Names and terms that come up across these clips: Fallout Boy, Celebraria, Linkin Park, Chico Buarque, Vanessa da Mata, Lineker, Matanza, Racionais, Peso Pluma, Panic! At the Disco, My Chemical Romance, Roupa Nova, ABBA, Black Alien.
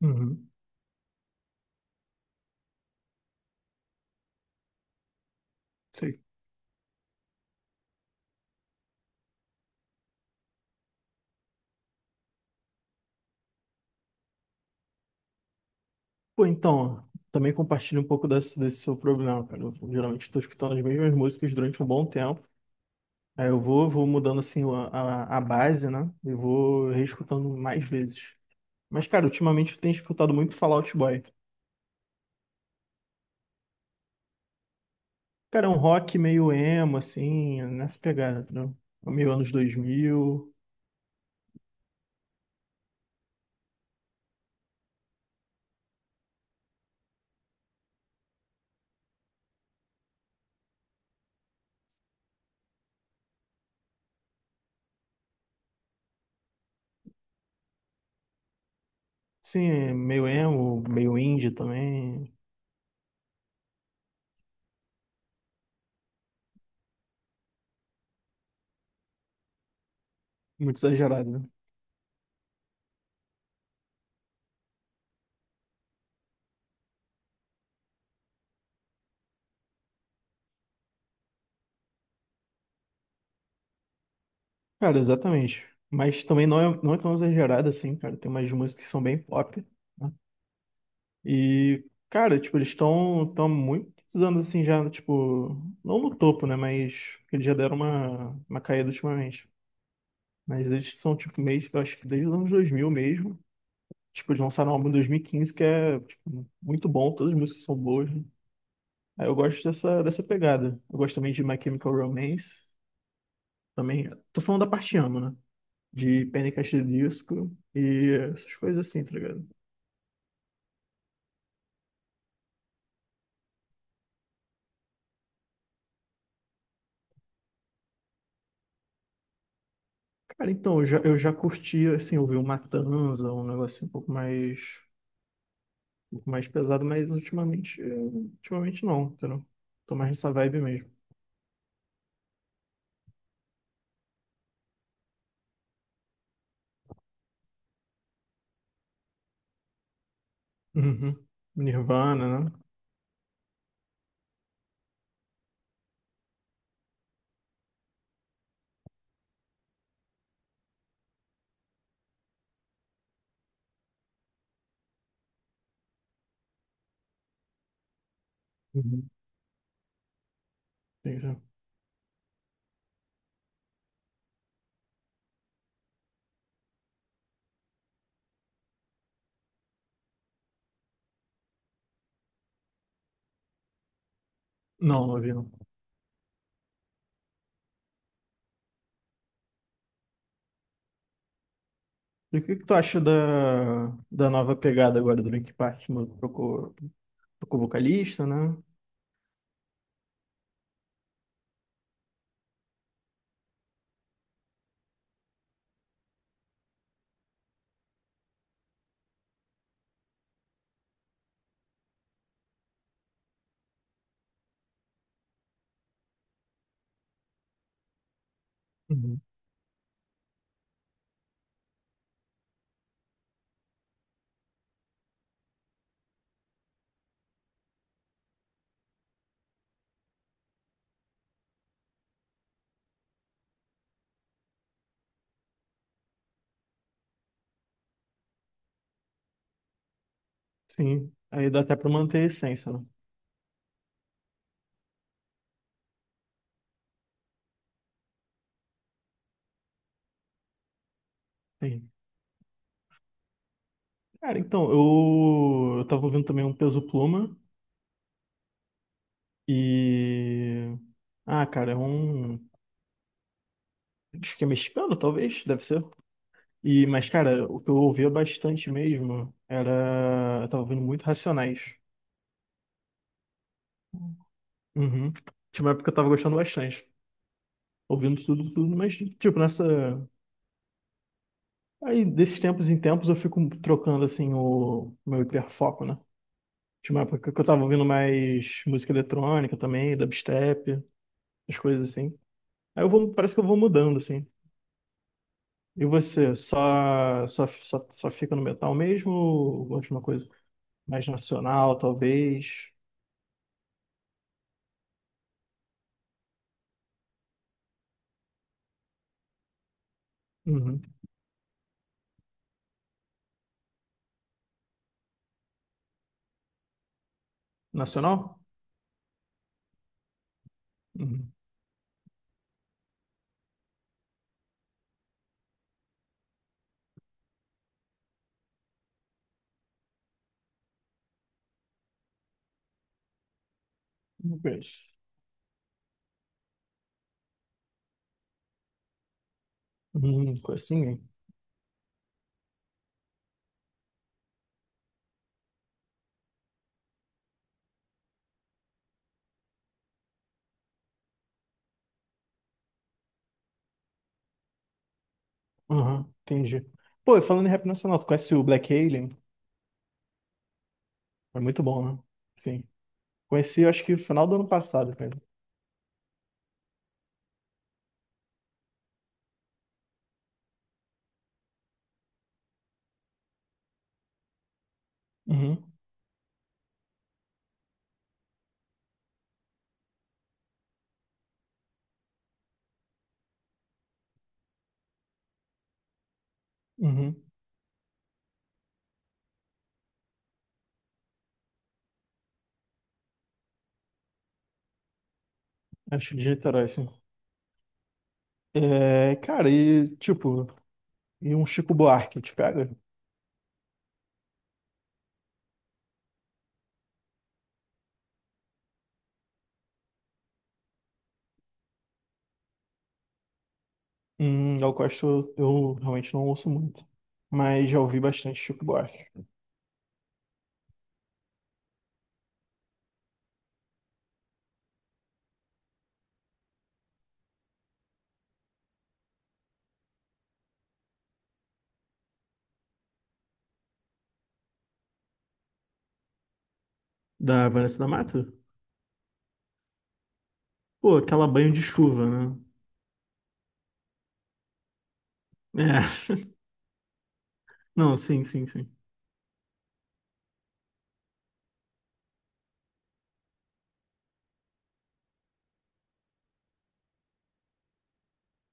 Uhum, sei. Pô, então, também compartilho um pouco desse seu problema, cara. Eu geralmente estou escutando as mesmas músicas durante um bom tempo. Aí eu vou mudando assim a base, né? E vou reescutando mais vezes. Mas, cara, ultimamente eu tenho escutado muito Fallout Boy. Cara, é um rock meio emo, assim, nessa pegada, entendeu? É meio anos 2000. Sim, é meio emo, meio indie também. Muito exagerado, né? Cara, exatamente. Mas também não é tão exagerado assim, cara. Tem umas músicas que são bem pop, né? E, cara, tipo, eles estão tão tão há muitos anos assim já, tipo, não no topo, né? Mas eles já deram uma caída ultimamente. Mas eles são, tipo, meio, eu acho que desde os anos 2000 mesmo. Tipo, eles lançaram um álbum em 2015 que é, tipo, muito bom, todas as músicas são boas, né? Aí eu gosto dessa pegada. Eu gosto também de My Chemical Romance. Também, tô falando da parte amo, né? De Panic! At the Disco e essas coisas assim, tá ligado? Cara, então, eu já curti, assim, ouvir um Matanza, um negócio um pouco mais pesado, mas ultimamente, ultimamente não, entendeu? Tô mais nessa vibe mesmo. Uhum. Nirvana, né? Uhum. Sim, sim. Não, não ouvi, não. E o que que tu acha da, da nova pegada agora do Linkin Park? Mano, trocou, trocou vocalista, né? Uhum. Sim. Aí dá até pra manter a essência, né? Sim. Cara, então, eu tava ouvindo também um Peso Pluma e. Ah, cara, é um. Acho que é mexicano, talvez, deve ser. E, mas, cara, o que eu ouvia bastante mesmo era. Eu tava ouvindo muito Racionais. Uhum. Tinha uma época que eu tava gostando bastante. Ouvindo tudo, tudo, mas, tipo, nessa. Aí, desses tempos em tempos, eu fico trocando, assim, o meu hiperfoco, né? Tinha uma época que eu tava ouvindo mais música eletrônica também, dubstep, as coisas assim. Aí eu vou, parece que eu vou mudando, assim. E você, só fica no metal mesmo ou gosta de uma coisa mais nacional, talvez? Uhum. Nacional? Uhum. Não conheço. Uhum, conheço ninguém. Uhum, entendi. Pô, e falando em rap nacional, tu conhece o Black Alien? É muito bom, né? Sim. Conheci, acho que no final do ano passado, cara. Uhum, uhum. Acho que de Niterói, sim. É, cara, e tipo, e um Chico Buarque, te pega? Eu gosto, eu realmente não ouço muito, mas já ouvi bastante Chico Buarque. Da Vanessa da Mata? Pô, aquela banho de chuva, né? É, não, sim, sim, sim.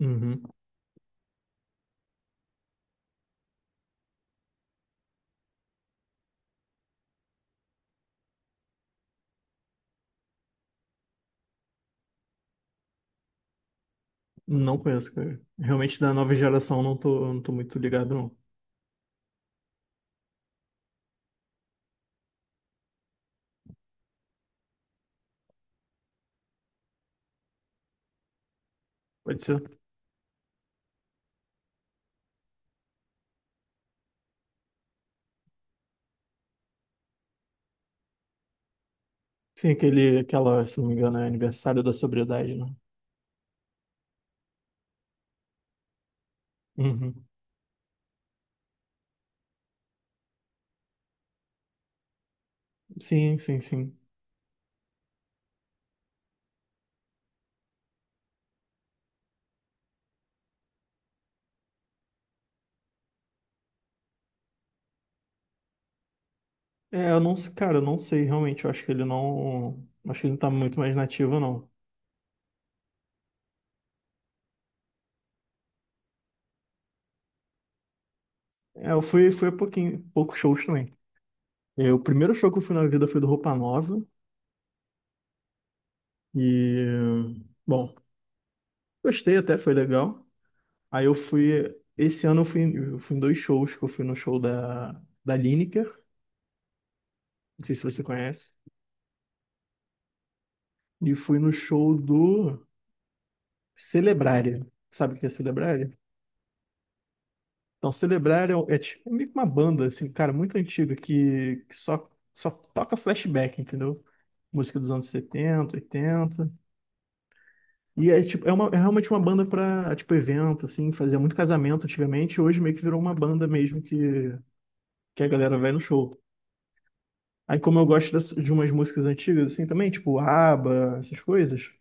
Uhum. Não conheço, cara. Realmente da nova geração não tô, eu não tô muito ligado, não. Pode ser? Sim, aquele, aquela, se não me engano, é aniversário da sobriedade, né? Uhum. Sim, sim, sim. É, eu não, cara, eu não sei realmente, eu acho que ele não, acho que ele não tá muito mais nativo, não. É, eu fui, fui a pouquinho, poucos shows também. É, o primeiro show que eu fui na vida foi do Roupa Nova. E, bom, gostei até, foi legal. Aí eu fui. Esse ano eu fui em 2 shows, que eu fui no show da Lineker, não sei se você conhece, e fui no show do Celebraria. Sabe o que é Celebraria? Então, Celebraria é, um, é tipo meio que uma banda, assim, cara, muito antiga, que só toca flashback, entendeu? Música dos anos 70 80. E é, tipo, é, uma, é realmente uma banda pra, tipo, evento, assim, fazia muito casamento antigamente, e hoje meio que virou uma banda mesmo que a galera vai no show. Aí como eu gosto de umas músicas antigas, assim, também, tipo ABBA, essas coisas,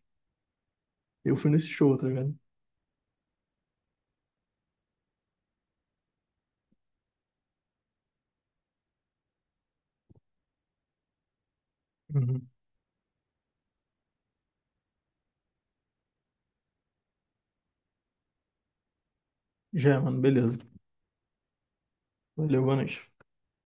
eu fui nesse show, tá ligado? Uhum. Já, mano, beleza. Valeu, boa noite.